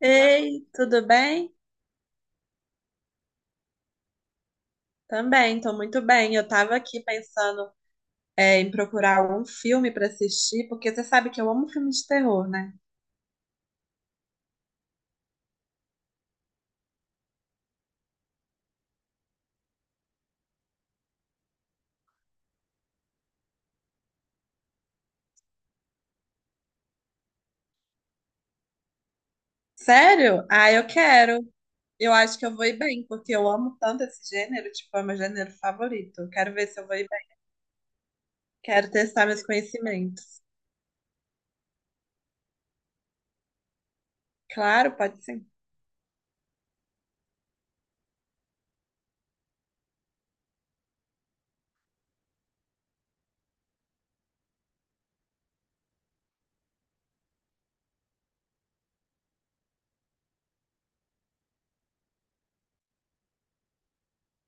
Ei, tudo bem? Também, tô muito bem. Eu tava aqui pensando, em procurar um filme pra assistir, porque você sabe que eu amo filme de terror, né? Sério? Ah, eu quero. Eu acho que eu vou ir bem, porque eu amo tanto esse gênero, tipo, é meu gênero favorito. Eu quero ver se eu vou ir bem. Quero testar meus conhecimentos. Claro, pode sim.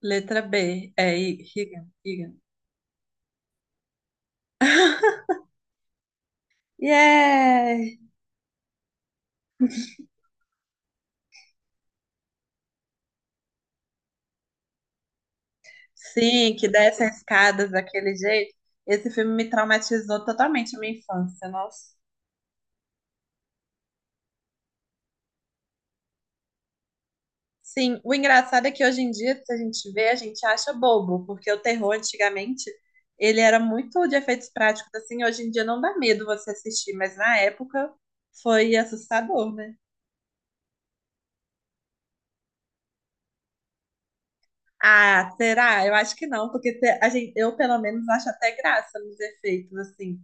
Letra B, é Higan, Higan. Yeah! Sim, que desce as escadas daquele jeito. Esse filme me traumatizou totalmente a minha infância, nossa. Sim, o engraçado é que hoje em dia, se a gente vê, a gente acha bobo, porque o terror antigamente, ele era muito de efeitos práticos, assim, hoje em dia não dá medo você assistir, mas na época foi assustador, né? Ah, será? Eu acho que não, porque a gente, eu pelo menos acho até graça nos efeitos, assim.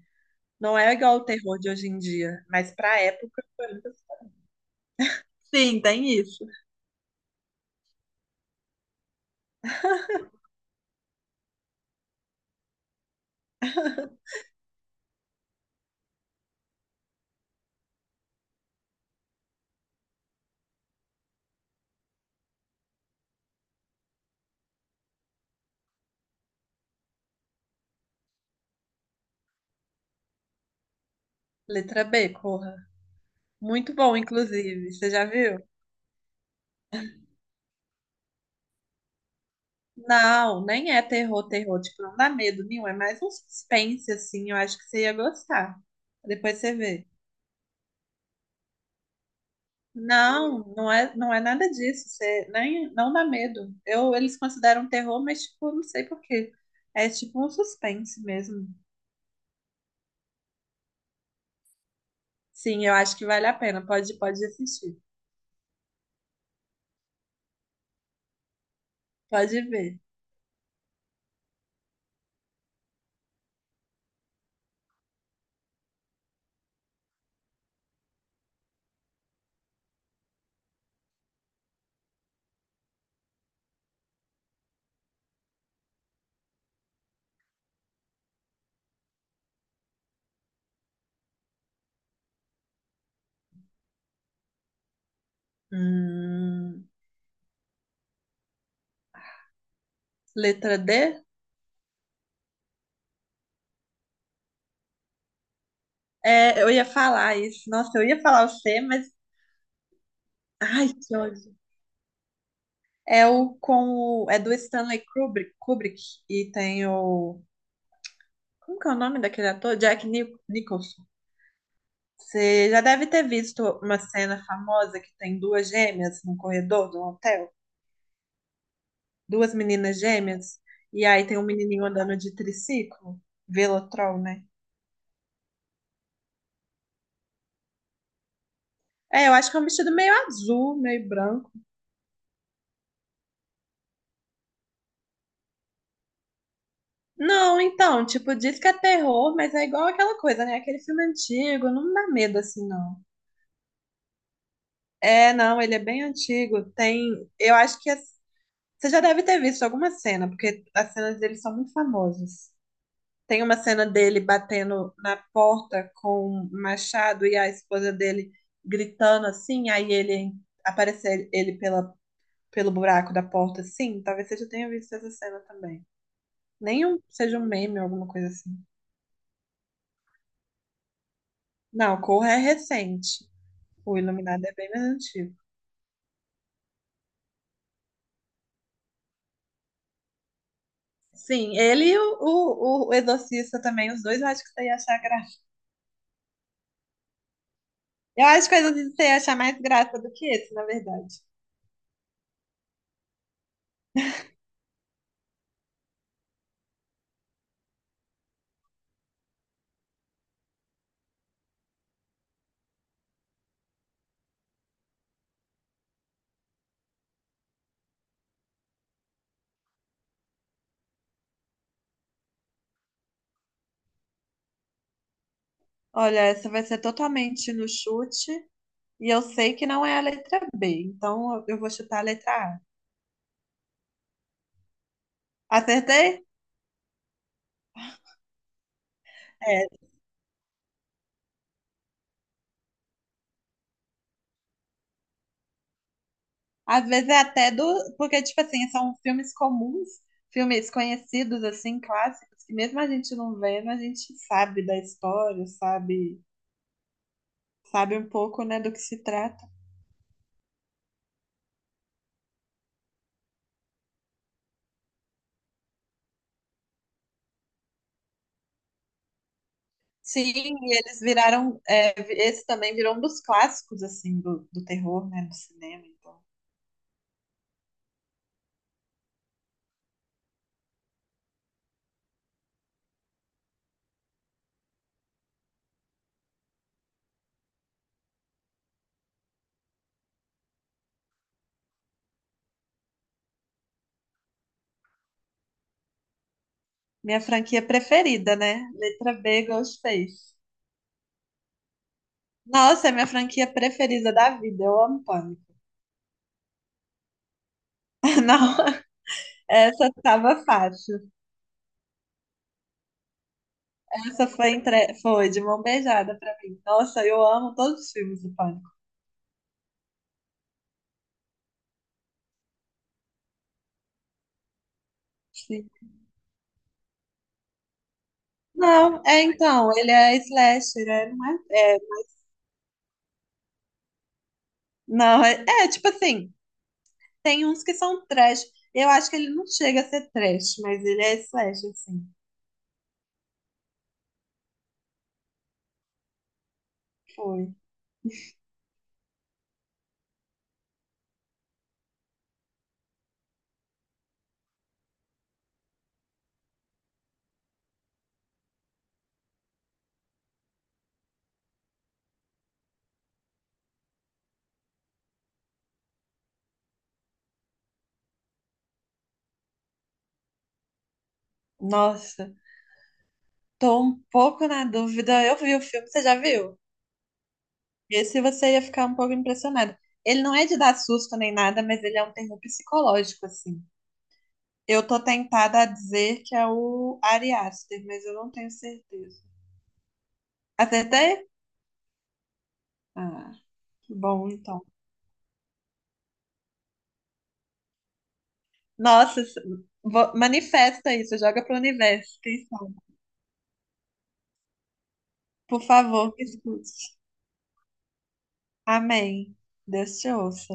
Não é igual o terror de hoje em dia, mas pra época foi muito. Sim, tem isso. Letra B, Corra. Muito bom, inclusive. Você já viu? Não, nem é terror, terror. Tipo, não dá medo nenhum. É mais um suspense, assim. Eu acho que você ia gostar. Depois você vê. Não, não é nada disso. Você nem, não dá medo. Eu, eles consideram terror, mas, tipo, não sei por quê. É tipo um suspense mesmo. Sim, eu acho que vale a pena. Pode assistir. Pode ver. Hum, letra D? É, eu ia falar isso. Nossa, eu ia falar o C, mas. Ai, que ódio. É o com o, é do Stanley Kubrick, Kubrick e tem o como que é o nome daquele ator? Jack Nicholson. Você já deve ter visto uma cena famosa que tem duas gêmeas num corredor de um hotel, duas meninas gêmeas, e aí tem um menininho andando de triciclo, Velotrol, né? É, eu acho que é um vestido meio azul, meio branco. Não, então, tipo, diz que é terror, mas é igual aquela coisa, né? Aquele filme antigo, não dá medo assim, não. É, não, ele é bem antigo. Tem, eu acho que você já deve ter visto alguma cena, porque as cenas dele são muito famosas. Tem uma cena dele batendo na porta com um machado e a esposa dele gritando assim, aí ele aparecer ele pela, pelo buraco da porta assim. Talvez você já tenha visto essa cena também. Nem um- seja um meme ou alguma coisa assim. Não, Corra é recente. O Iluminado é bem mais antigo. Sim, ele e o Exorcista também, os dois eu acho que você ia achar graça. Eu acho que o Exorcista você ia achar mais graça do que esse, na verdade. Olha, essa vai ser totalmente no chute, e eu sei que não é a letra B, então eu vou chutar a letra A. Acertei? É. Às vezes é até do. Porque, tipo assim, são filmes comuns, filmes conhecidos, assim, clássicos, que mesmo a gente não vendo, a gente sabe da história, sabe, sabe um pouco, né, do que se trata. Sim, e eles viraram. É, esse também virou um dos clássicos, assim, do terror, né, do cinema. Então. Minha franquia preferida, né? Letra B, Ghostface. Nossa, é minha franquia preferida da vida. Eu amo Pânico. Não, essa tava fácil. Essa foi, entre, foi de mão beijada pra mim. Nossa, eu amo todos os filmes do Pânico. Sim. Não, é então, ele é slasher, é, não é, é- não, é, tipo assim, tem uns que são trash. Eu acho que ele não chega a ser trash, mas ele é slasher, sim. Foi. Nossa, tô um pouco na dúvida. Eu vi o filme, você já viu? Esse você ia ficar um pouco impressionado. Ele não é de dar susto nem nada, mas ele é um terror psicológico, assim. Eu tô tentada a dizer que é o Ari Aster, mas eu não tenho certeza. Acertei? Ah, que bom, então. Nossa, manifesta isso, joga pro universo, quem sabe? Por favor, me escute. Amém. Deus te ouça.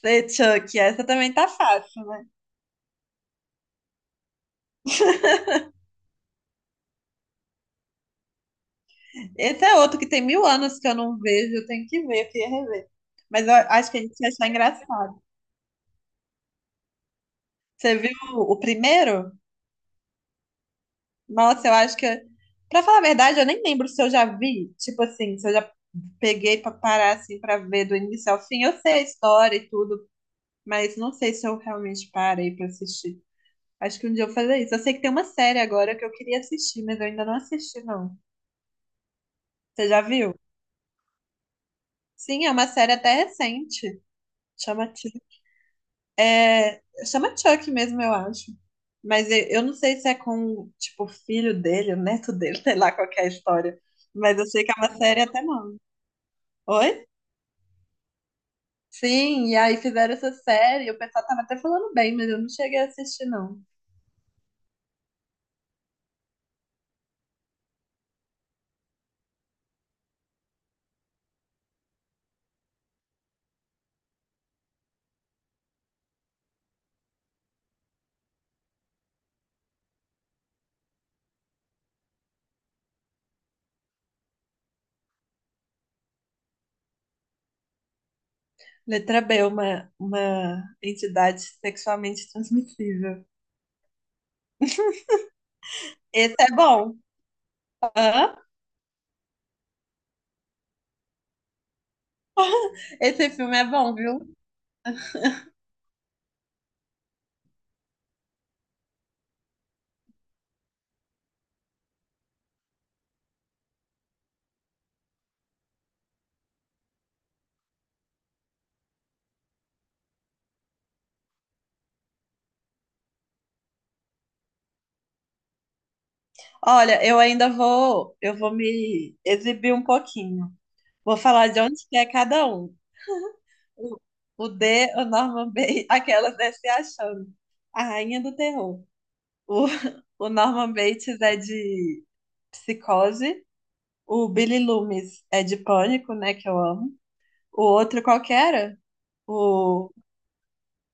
Sei, Chuck, essa também tá fácil, né? Esse é outro que tem mil anos que eu não vejo, eu tenho que ver, eu queria rever. Mas eu acho que a gente ia achar engraçado. Você viu o primeiro? Nossa, eu acho que. Pra falar a verdade, eu nem lembro se eu já vi. Tipo assim, se eu já peguei pra parar assim pra ver do início ao fim. Eu sei a história e tudo, mas não sei se eu realmente parei pra assistir. Acho que um dia eu vou fazer isso. Eu sei que tem uma série agora que eu queria assistir, mas eu ainda não assisti, não. Você já viu? Sim, é uma série até recente. Chama, é, chama Chuck mesmo, eu acho. Mas eu não sei se é com, tipo, o filho dele, o neto dele, sei lá qual que é a história. Mas eu sei que é uma série até não. Oi? Sim, e aí fizeram essa série, o pessoal tava até falando bem, mas eu não cheguei a assistir, não. Letra B, uma entidade sexualmente transmissível. Esse é bom. Hã? Esse filme é bom, viu? Olha, eu ainda vou, eu vou me exibir um pouquinho. Vou falar de onde que é cada um. O, o D, o Norman Bates, aquelas né, se achando. A rainha do terror. O, o Norman Bates é de psicose. O Billy Loomis é de Pânico, né? Que eu amo. O outro qual que era? O,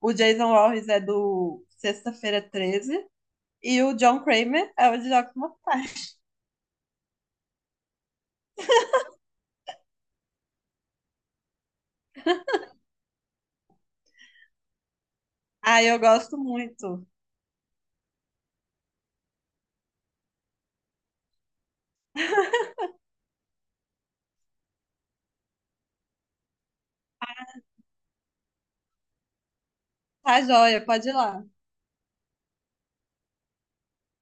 o Jason Voorhees é do Sexta-feira 13. E o John Kramer é o de Jogos Mortais. Ah, eu gosto muito. Tá joia, pode ir lá.